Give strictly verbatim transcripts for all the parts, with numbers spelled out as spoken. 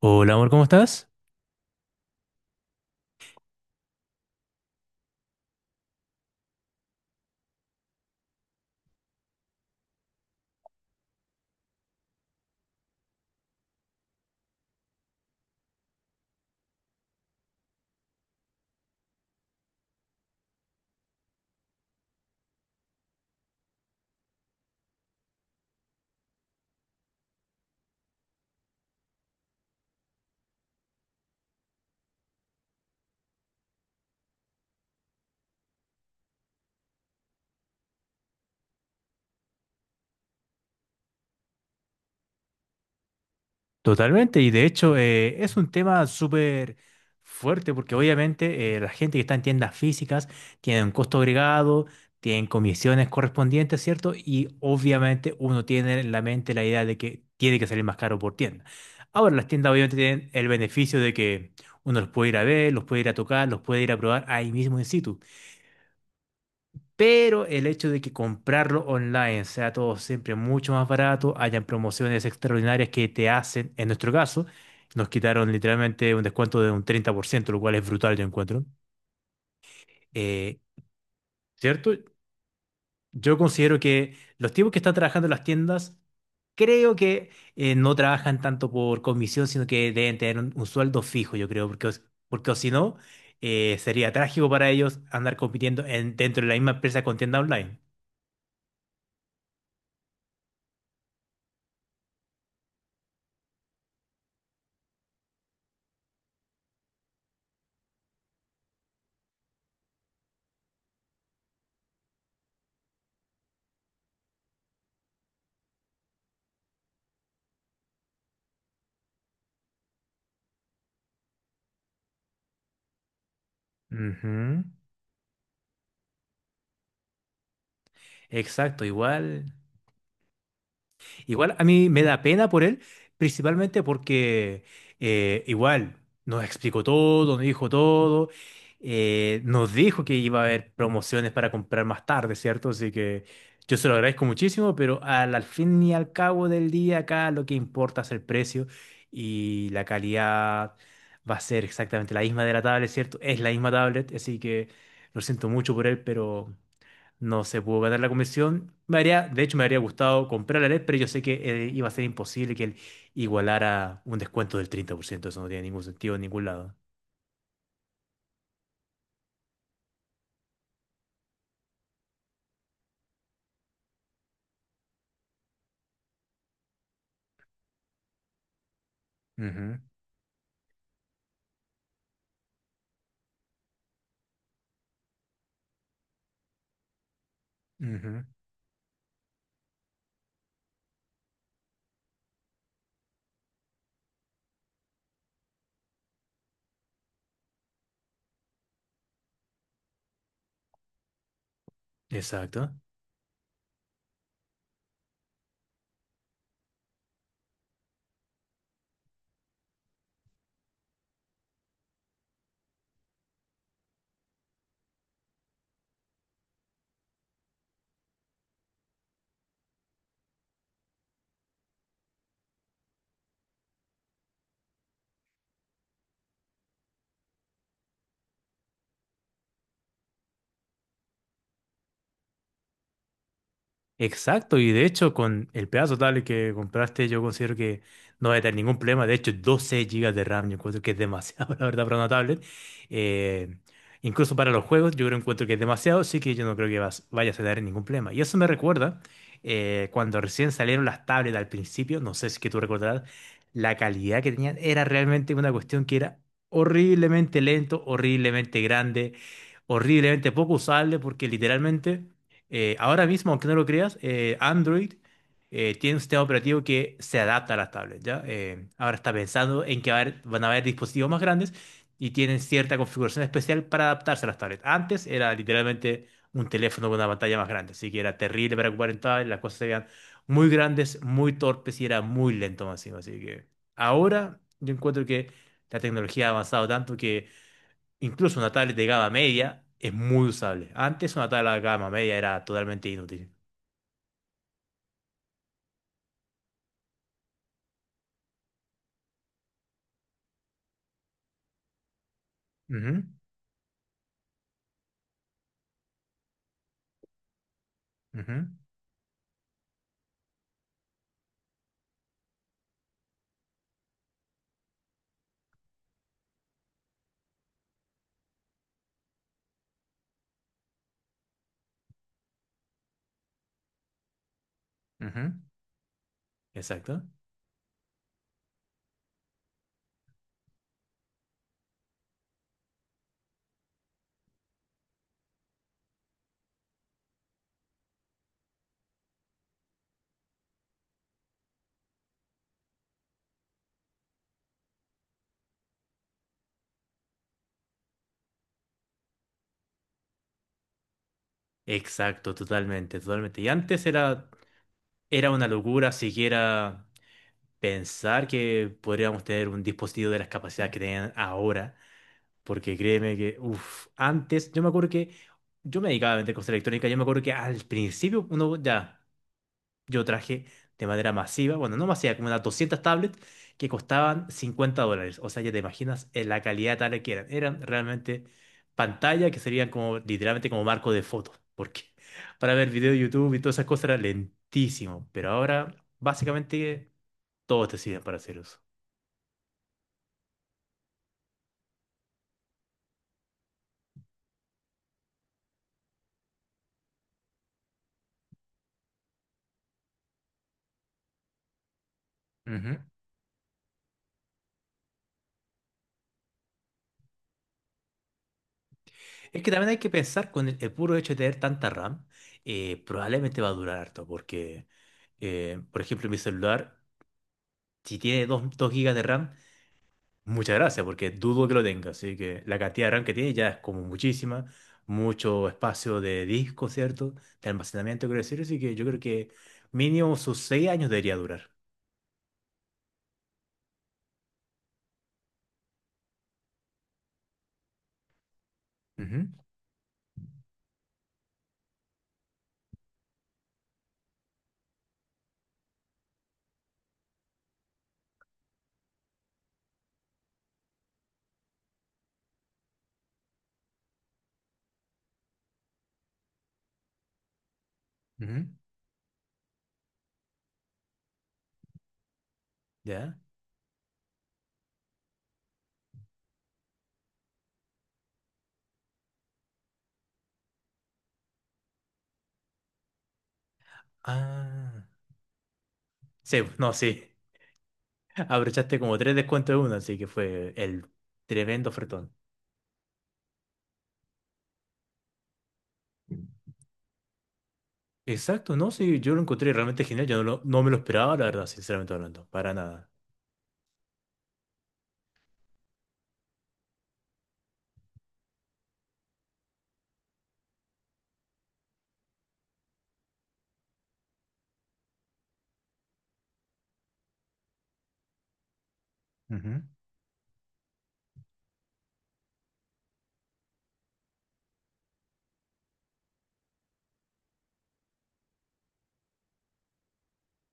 Hola amor, ¿cómo estás? Totalmente, y de hecho eh, es un tema súper fuerte porque obviamente eh, la gente que está en tiendas físicas tiene un costo agregado, tienen comisiones correspondientes, ¿cierto? Y obviamente uno tiene en la mente la idea de que tiene que salir más caro por tienda. Ahora las tiendas obviamente tienen el beneficio de que uno los puede ir a ver, los puede ir a tocar, los puede ir a probar ahí mismo en situ. Pero el hecho de que comprarlo online sea todo siempre mucho más barato, hayan promociones extraordinarias que te hacen, en nuestro caso, nos quitaron literalmente un descuento de un treinta por ciento, lo cual es brutal, yo encuentro. Eh, ¿cierto? Yo considero que los tipos que están trabajando en las tiendas, creo que eh, no trabajan tanto por comisión, sino que deben tener un, un sueldo fijo, yo creo, porque, os- porque o si no, eh, sería trágico para ellos andar compitiendo en- dentro de la misma empresa con tienda online. Ujú. Exacto, igual. Igual a mí me da pena por él, principalmente porque eh, igual nos explicó todo, nos dijo todo, eh, nos dijo que iba a haber promociones para comprar más tarde, ¿cierto? Así que yo se lo agradezco muchísimo, pero al, al fin y al cabo del día acá lo que importa es el precio y la calidad va a ser exactamente la misma de la tablet, ¿cierto? Es la misma tablet, así que lo siento mucho por él, pero... No se pudo ganar la convención. Me haría, de hecho, me habría gustado comprar la L E D, pero yo sé que eh, iba a ser imposible que él igualara un descuento del treinta por ciento. Eso no tiene ningún sentido en ningún lado. Ujú, ujú. Exacto. Exacto, y de hecho con el pedazo tablet que compraste yo considero que no va a tener ningún problema, de hecho doce gigas de RAM yo encuentro que es demasiado, la verdad, para una tablet. Eh, incluso para los juegos yo creo encuentro que es demasiado, así que yo no creo que vas- vayas a tener ningún problema. Y eso me recuerda eh, cuando recién salieron las tablets al principio, no sé si es que tú recordarás, la calidad que tenían era realmente una cuestión que era horriblemente lento, horriblemente grande, horriblemente poco usable porque literalmente... Eh, ahora mismo, aunque no lo creas, eh, Android eh, tiene un sistema operativo que se adapta a las tablets, ¿ya? Eh, ahora está pensando en que va a haber- van a haber dispositivos más grandes y tienen cierta configuración especial para adaptarse a las tablets. Antes era literalmente un teléfono con una pantalla más grande, así que era terrible para ocupar en tablet, las cosas se veían muy grandes, muy torpes y era muy lento más encima. Así que ahora yo encuentro que la tecnología ha avanzado tanto que incluso una tablet de gama media es muy usable. Antes una tablet de gama media era totalmente inútil. Ujú, ujú, ujú. Exacto. Exacto, totalmente, totalmente. Y antes era, era una locura siquiera pensar que podríamos tener un dispositivo de las capacidades que tienen ahora. Porque créeme que, uff, antes, yo me acuerdo que yo me dedicaba a vender cosas electrónicas, yo me acuerdo que al principio uno ya. Yo traje de manera masiva, bueno, no masiva, como unas doscientas tablets que costaban cincuenta dólares. O sea, ya te imaginas eh, la calidad tal que eran. Eran realmente pantalla que servían como, literalmente como marco de fotos. Porque para ver video de YouTube y todas esas cosas era lentísimo. Pero ahora, básicamente, todos te sirven para hacer uso. Ujú. Es que también hay que pensar con el, el puro hecho de tener tanta RAM, eh, probablemente va a durar harto, porque, eh, por ejemplo, mi celular, si tiene dos dos gigas de RAM. Muchas gracias, porque dudo que lo tenga, así que la cantidad de RAM que tiene ya es como muchísima, mucho espacio de disco, ¿cierto? De almacenamiento, quiero decir, así que yo creo que mínimo sus seis años debería durar. Ujú, ujú, ¿ya? Ah, sí, no, sí, abrochaste como tres descuentos de uno, así que fue el tremendo ofertón. Exacto, no, sí, yo lo encontré realmente genial, yo no, lo- no me lo esperaba, la verdad, sinceramente hablando, para nada. Ujú.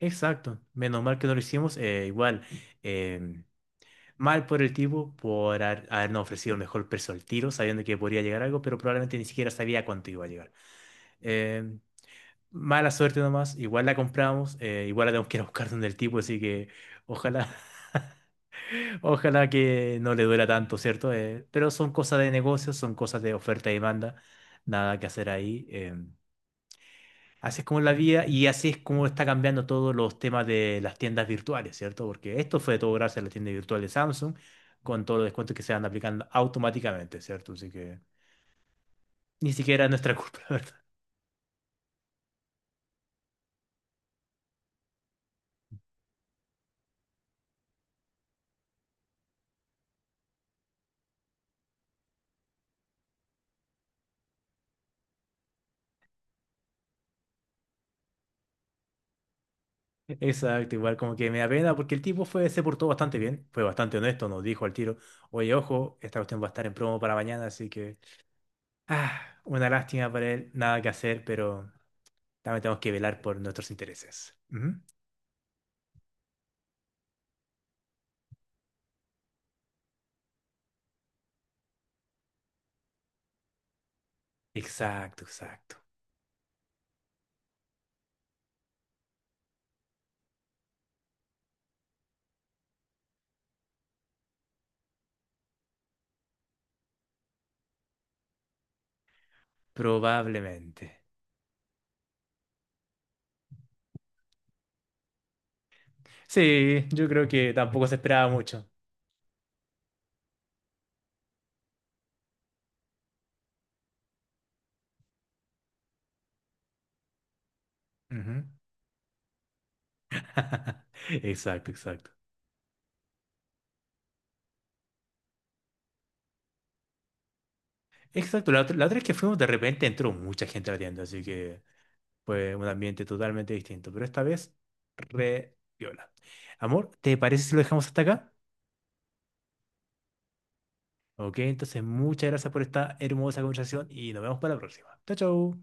Exacto, menos mal que no lo hicimos, eh, igual. em, Mal por el tipo por haber- habernos ofrecido el mejor precio al tiro, sabiendo que podría llegar algo, pero probablemente ni siquiera sabía cuánto iba a llegar. Eh, mala suerte nomás, igual la compramos, eh, igual la tenemos que ir a buscar donde el tipo, así que ojalá, ojalá que no le duela tanto, ¿cierto? Eh, pero son cosas de negocios, son cosas de oferta y demanda, nada que hacer ahí. em, Así es como la vida y así es como está cambiando todos los temas de las tiendas virtuales, ¿cierto? Porque esto fue todo gracias a la tienda virtual de Samsung, con todos los descuentos que se van aplicando automáticamente, ¿cierto? Así que ni siquiera es nuestra culpa, la ¿verdad? Exacto, igual como que me da pena porque el tipo fue, se portó bastante bien, fue bastante honesto, nos dijo al tiro, oye, ojo, esta cuestión va a estar en promo para mañana, así que, ah, una lástima para él, nada que hacer, pero también tenemos que velar por nuestros intereses. Ujú. Exacto, exacto. Probablemente. Sí, yo creo que tampoco se esperaba mucho. Ujú. Exacto, exacto. Exacto, la otra, la otra vez que fuimos de repente entró mucha gente a la tienda, así que fue un ambiente totalmente distinto, pero esta vez re viola. Amor, ¿te parece si lo dejamos hasta acá? Ok, entonces muchas gracias por esta hermosa conversación y nos vemos para la próxima. Chao, chao.